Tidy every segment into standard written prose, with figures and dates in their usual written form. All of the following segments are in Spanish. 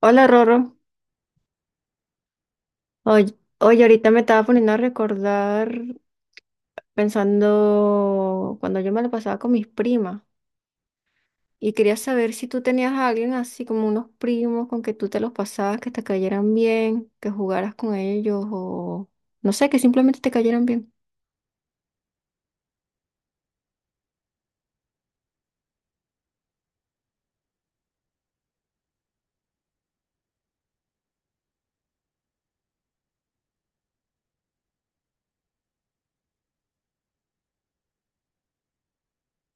Hola Rorro, oye, oye, ahorita me estaba poniendo a recordar pensando cuando yo me lo pasaba con mis primas y quería saber si tú tenías a alguien así como unos primos con que tú te los pasabas, que te cayeran bien, que jugaras con ellos o no sé, que simplemente te cayeran bien.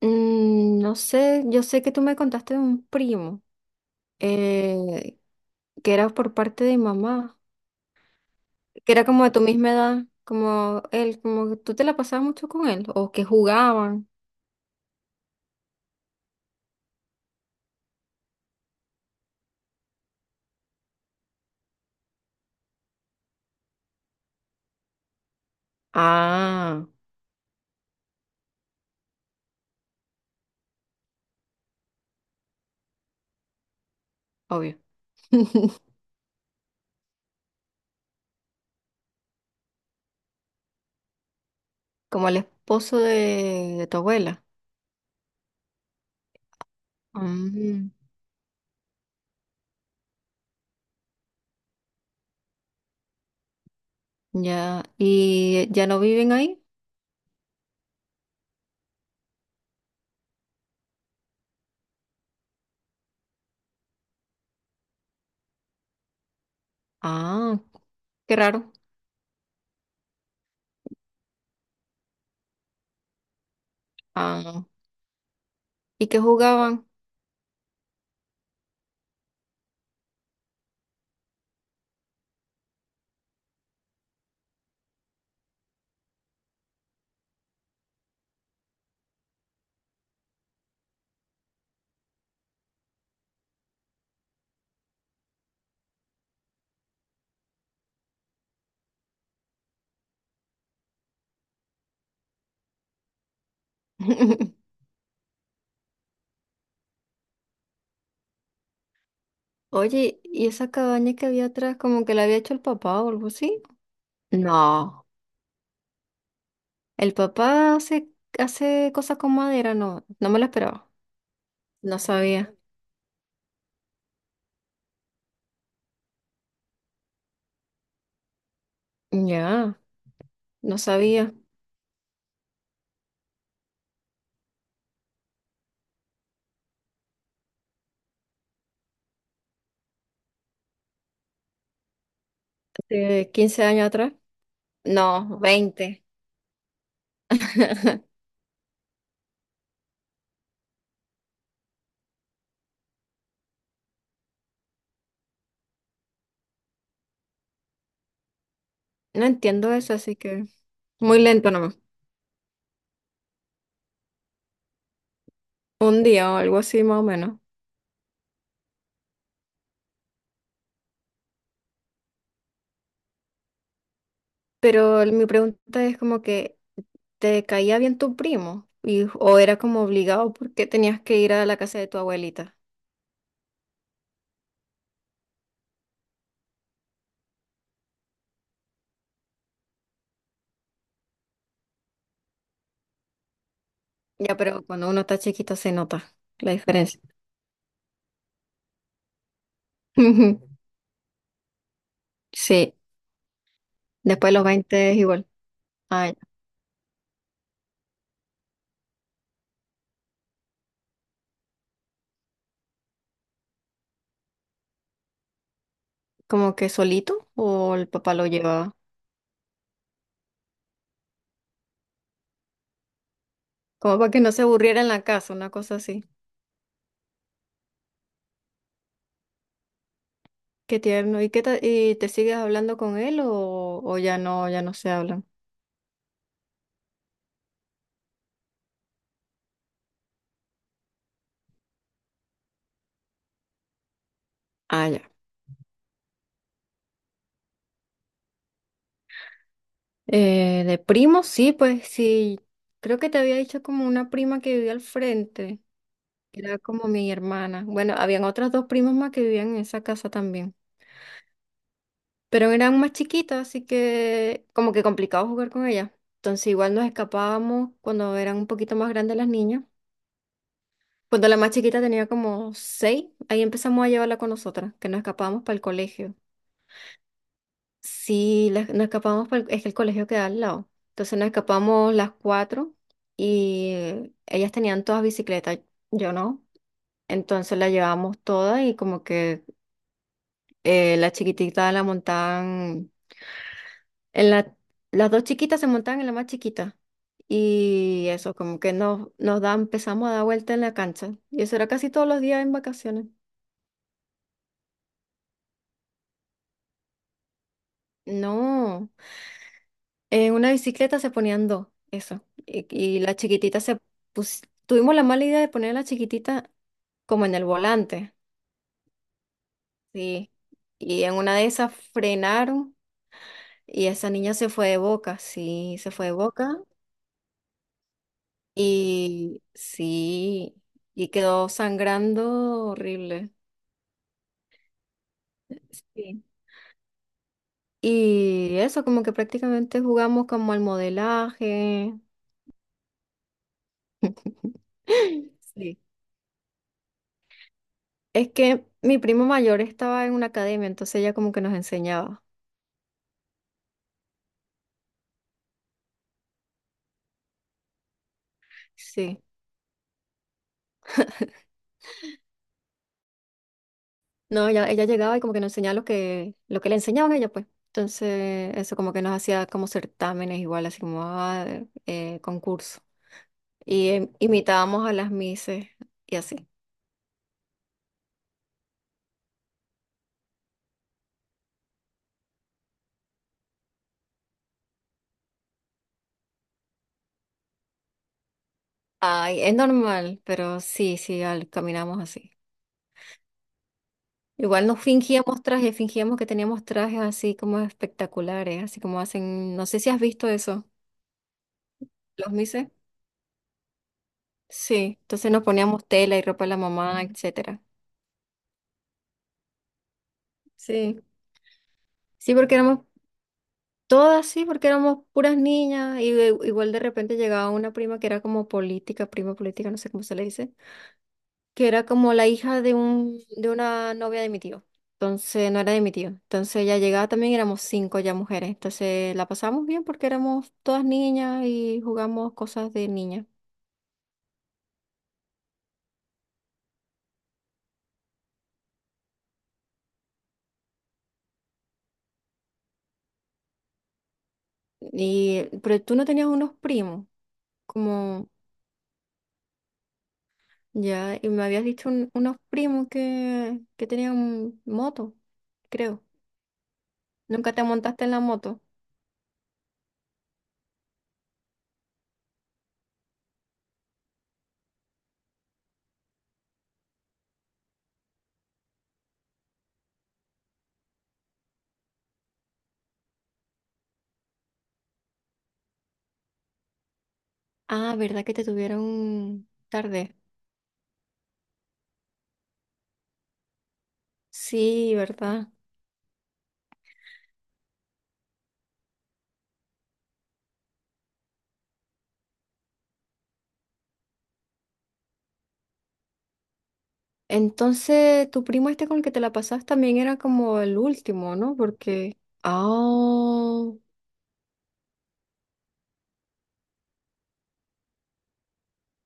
Mm, no sé, yo sé que tú me contaste de un primo eh, que era por parte de mamá, que era como de tu misma edad, como él, como que tú te la pasabas mucho con él o que jugaban. Ah, obvio. Como el esposo de tu abuela. Mm, ya. ¿Y ya no viven ahí? Ah, qué raro. Ah, ¿y qué jugaban? Oye, ¿y esa cabaña que había atrás como que la había hecho el papá o algo así? No, el papá hace, hace cosas con madera, no, no me lo esperaba. No sabía. Ya, no sabía. Hace 15 años atrás. No, 20. No entiendo eso, así que muy lento. Un día o algo así más o menos. Mi pregunta es como que, ¿te caía bien tu primo? Y, ¿o era como obligado porque tenías que ir a la casa de tu abuelita? Ya, pero cuando uno está chiquito se nota la diferencia. Ujú. Sí, después de los 20 es igual. Ay, como que solito o el papá lo llevaba. Como para que no se aburriera en la casa, una cosa así. Qué tierno. ¿Y te sigues hablando con él o, ya no, ya no se hablan? Ah, ya. De primos, sí, pues sí. Creo que te había dicho como una prima que vivía al frente. Que era como mi hermana. Bueno, habían otras dos primas más que vivían en esa casa también. Pero eran más chiquitas, así que como que complicado jugar con ellas. Entonces igual nos escapábamos cuando eran un poquito más grandes las niñas. Cuando la más chiquita tenía como 6, ahí empezamos a llevarla con nosotras, que nos escapábamos para el colegio. Sí, nos escapamos, es que el colegio queda al lado. Entonces nos escapamos las cuatro y ellas tenían todas bicicletas, yo no. Entonces la llevamos todas y como que la chiquitita la montaban, en la, las dos chiquitas se montaban en la más chiquita. Y eso, como que nos da, empezamos a dar vuelta en la cancha. Y eso era casi todos los días en vacaciones. No. En una bicicleta se ponían dos, eso. Y la chiquitita se tuvimos la mala idea de poner a la chiquitita como en el volante, sí. Y en una de esas frenaron y esa niña se fue de boca, sí, se fue de boca. Y sí, y quedó sangrando horrible. Sí. Y eso, como que prácticamente jugamos como al modelaje. Sí. Es que mi primo mayor estaba en una academia, entonces ella como que nos enseñaba. Sí. No, ella llegaba y como que nos enseñaba lo que le enseñaban a ella, pues. Entonces, eso como que nos hacía como certámenes igual, así como ah, concurso. Y imitábamos a las mises y así. Ay, es normal, pero sí, sí, caminamos así. Igual nos fingíamos trajes, fingíamos que teníamos trajes así como espectaculares, así como hacen, no sé si has visto eso, los mises. Sí, entonces nos poníamos tela y ropa de la mamá, etcétera. Sí. Sí, porque éramos. Todas sí, porque éramos puras niñas y igual de repente llegaba una prima que era como política, prima política, no sé cómo se le dice, que era como la hija de un de una novia de mi tío. Entonces no era de mi tío. Entonces ella llegaba también, éramos cinco ya mujeres. Entonces la pasamos bien porque éramos todas niñas y jugamos cosas de niñas. Y pero tú no tenías unos primos, como ya, y me habías dicho unos primos que tenían moto, creo. ¿Nunca te montaste en la moto? Ah, ¿verdad que te tuvieron tarde? Sí, ¿verdad? Entonces, tu primo este con el que te la pasas también era como el último, ¿no? Porque... Ah,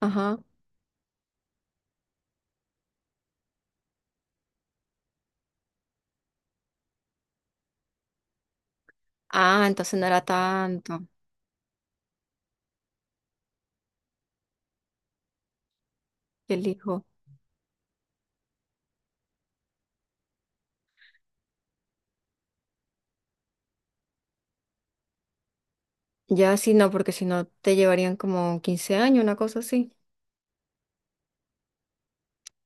ajá. Ah, entonces no era tanto el hijo. Ya sí, no, porque si no te llevarían como 15 años, una cosa así.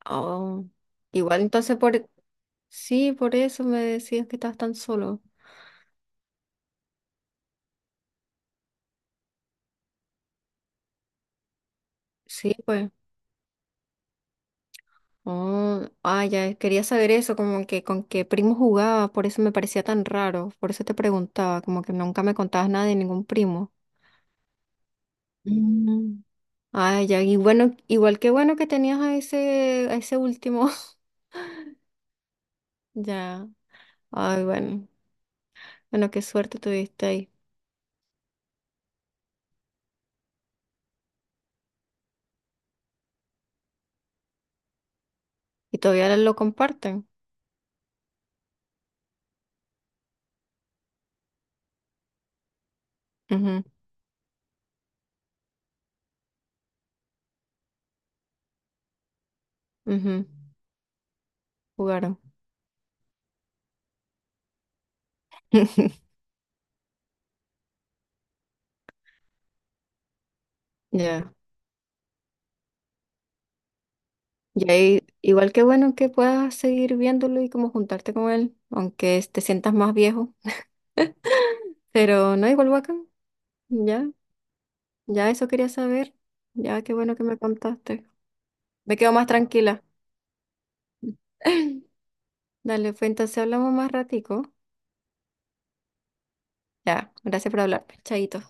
Oh, igual entonces por... Sí, por eso me decías que estabas tan solo. Sí, pues. Oh, ah, ya, quería saber eso, como que con qué primo jugabas, por eso me parecía tan raro, por eso te preguntaba, como que nunca me contabas nada de ningún primo. Mm. Ah, ya, y bueno, igual que bueno que tenías a ese último. Ya, ay, bueno, bueno, qué suerte tuviste ahí. Y todavía lo comparten. Ujú, ujú. Jugaron. Ya, y ahí, igual que bueno que puedas seguir viéndolo y como juntarte con él, aunque te sientas más viejo, pero no igual bacán, ya. Ya eso quería saber. Ya qué bueno que me contaste. Me quedo más tranquila. Dale, pues entonces hablamos más ratico. Ya, gracias por hablarme. Chaito.